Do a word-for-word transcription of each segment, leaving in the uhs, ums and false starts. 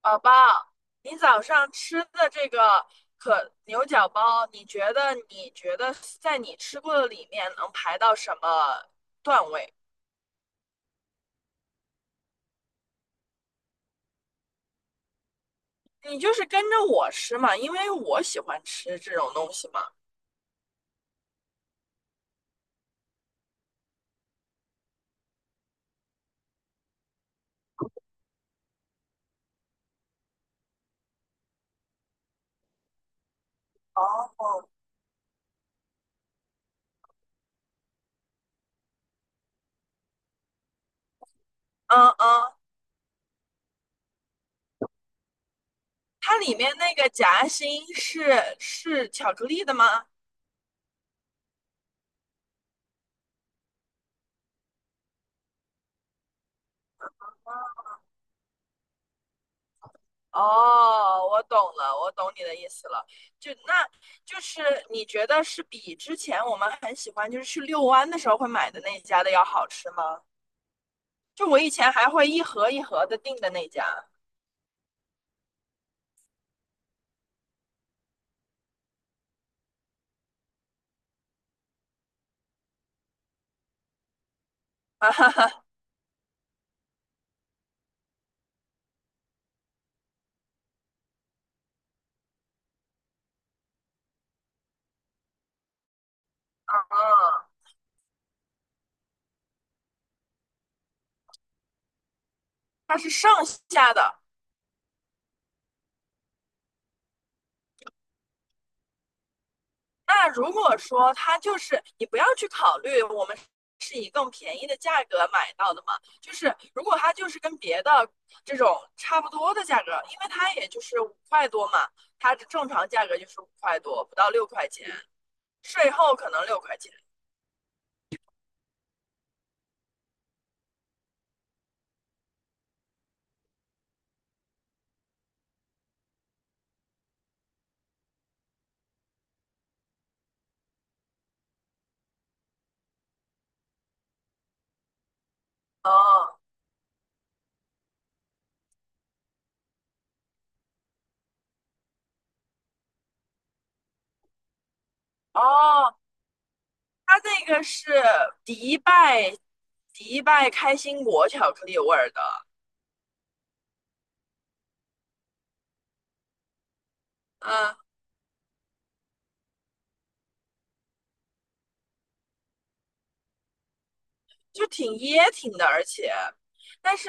宝宝，你早上吃的这个可牛角包，你觉得你觉得在你吃过的里面能排到什么段位？你就是跟着我吃嘛，因为我喜欢吃这种东西嘛。哦，嗯嗯，它里面那个夹心是是巧克力的吗？哦，我懂了，我懂你的意思了。就那就是你觉得是比之前我们很喜欢，就是去遛弯的时候会买的那一家的要好吃吗？就我以前还会一盒一盒的订的那家，啊哈哈，啊，它是上下的。那如果说它就是你不要去考虑我们是以更便宜的价格买到的嘛，就是如果它就是跟别的这种差不多的价格，因为它也就是五块多嘛，它的正常价格就是五块多，不到六块钱，税后可能六块钱。哦哦，它这个是迪拜迪拜开心果巧克力味儿的，嗯，就挺噎挺的，而且，但是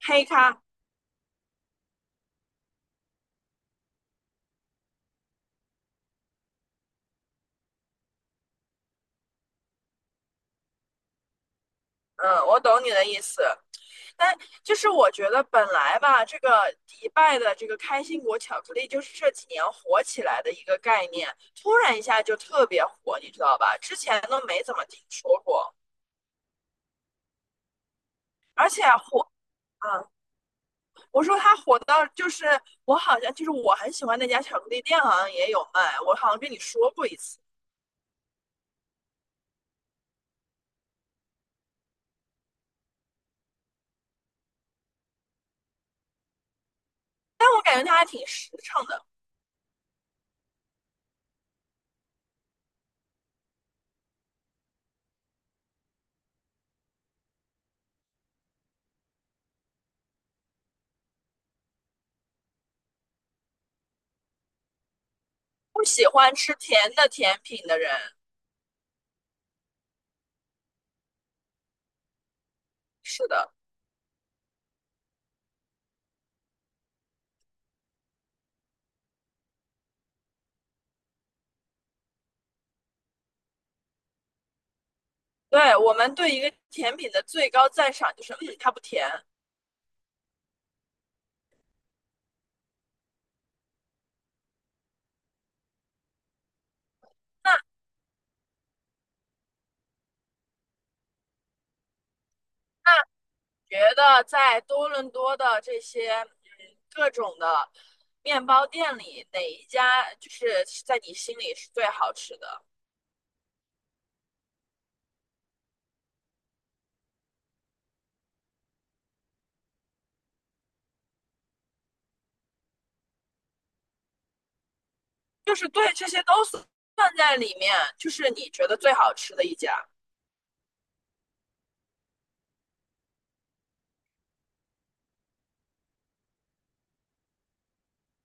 黑咖，嗯，我懂你的意思，但就是我觉得本来吧，这个迪拜的这个开心果巧克力就是这几年火起来的一个概念，突然一下就特别火，你知道吧？之前都没怎么听说过，而且火。啊，我说它火到就是我好像就是我很喜欢那家巧克力店，好像也有卖，我好像跟你说过一次，但我感觉它还挺实诚的，不喜欢吃甜的甜品的人。是的，对，我们对一个甜品的最高赞赏就是，嗯，它不甜。那那觉得在多伦多的这些嗯各种的面包店里，哪一家就是在你心里是最好吃的？就是对这些都算算在里面，就是你觉得最好吃的一家，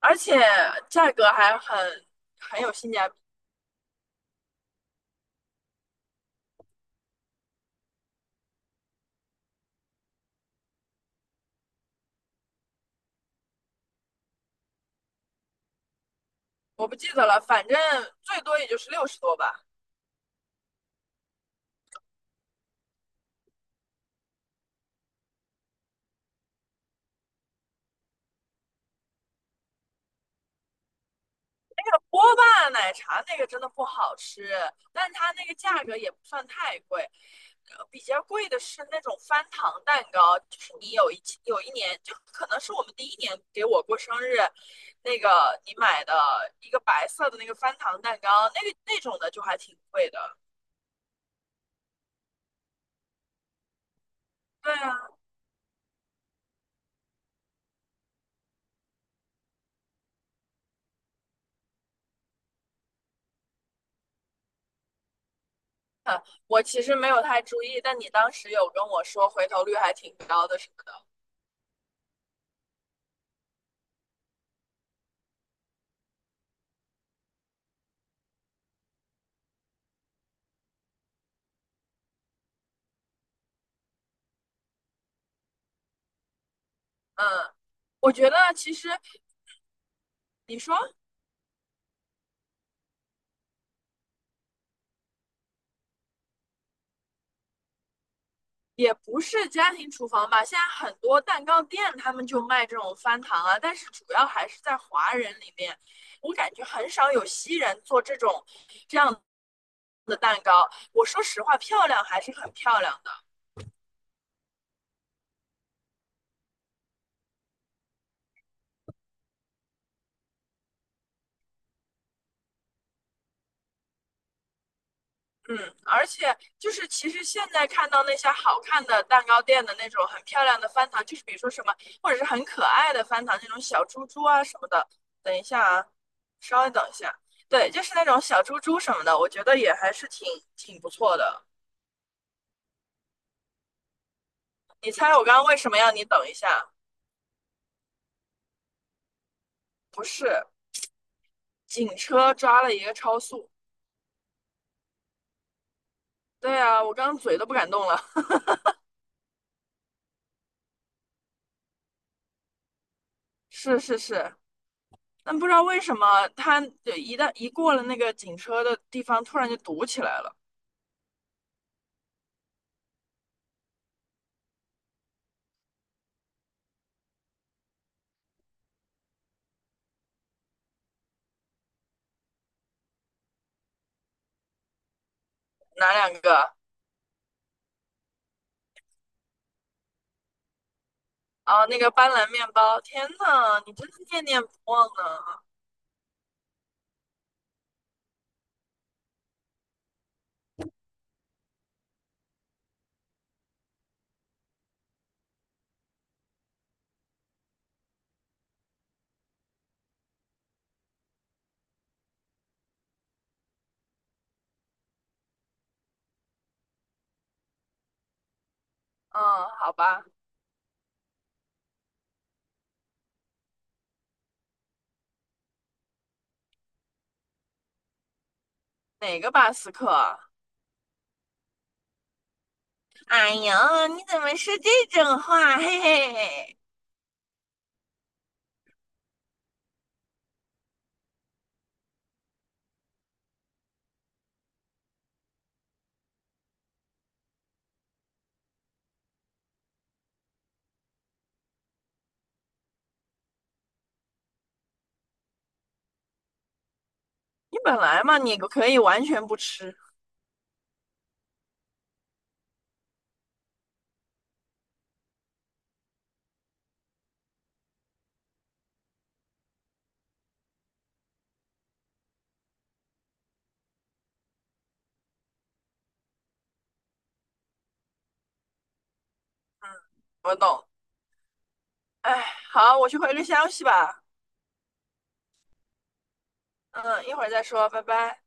而且价格还很很有性价比。我不记得了，反正最多也就是六十多吧。波霸奶茶那个真的不好吃，但它那个价格也不算太贵。呃比较贵的是那种翻糖蛋糕，就是你有一有一年，就可能是我们第一年给我过生日，那个你买的一个白色的那个翻糖蛋糕，那个那种的就还挺贵的。对啊，呃我其实没有太注意，但你当时有跟我说回头率还挺高的什么的。嗯，我觉得其实你说。也不是家庭厨房吧，现在很多蛋糕店他们就卖这种翻糖啊，但是主要还是在华人里面，我感觉很少有西人做这种这样的蛋糕。我说实话，漂亮还是很漂亮的。嗯，而且就是其实现在看到那些好看的蛋糕店的那种很漂亮的翻糖，就是比如说什么，或者是很可爱的翻糖，那种小猪猪啊什么的。等一下啊，稍微等一下，对，就是那种小猪猪什么的，我觉得也还是挺挺不错的。你猜我刚刚为什么要你等一下？不是，警车抓了一个超速。对啊，我刚刚嘴都不敢动了。是是是，但不知道为什么他一旦一过了那个警车的地方，突然就堵起来了。哪两个？哦，那个斑斓面包，天呐，你真是念念不忘呢。嗯，好吧，哪个巴斯克啊？哎呀，你怎么说这种话？嘿嘿嘿，你本来嘛，你可以完全不吃。我懂。哎，好，我去回个消息吧。嗯，一会儿再说，拜拜。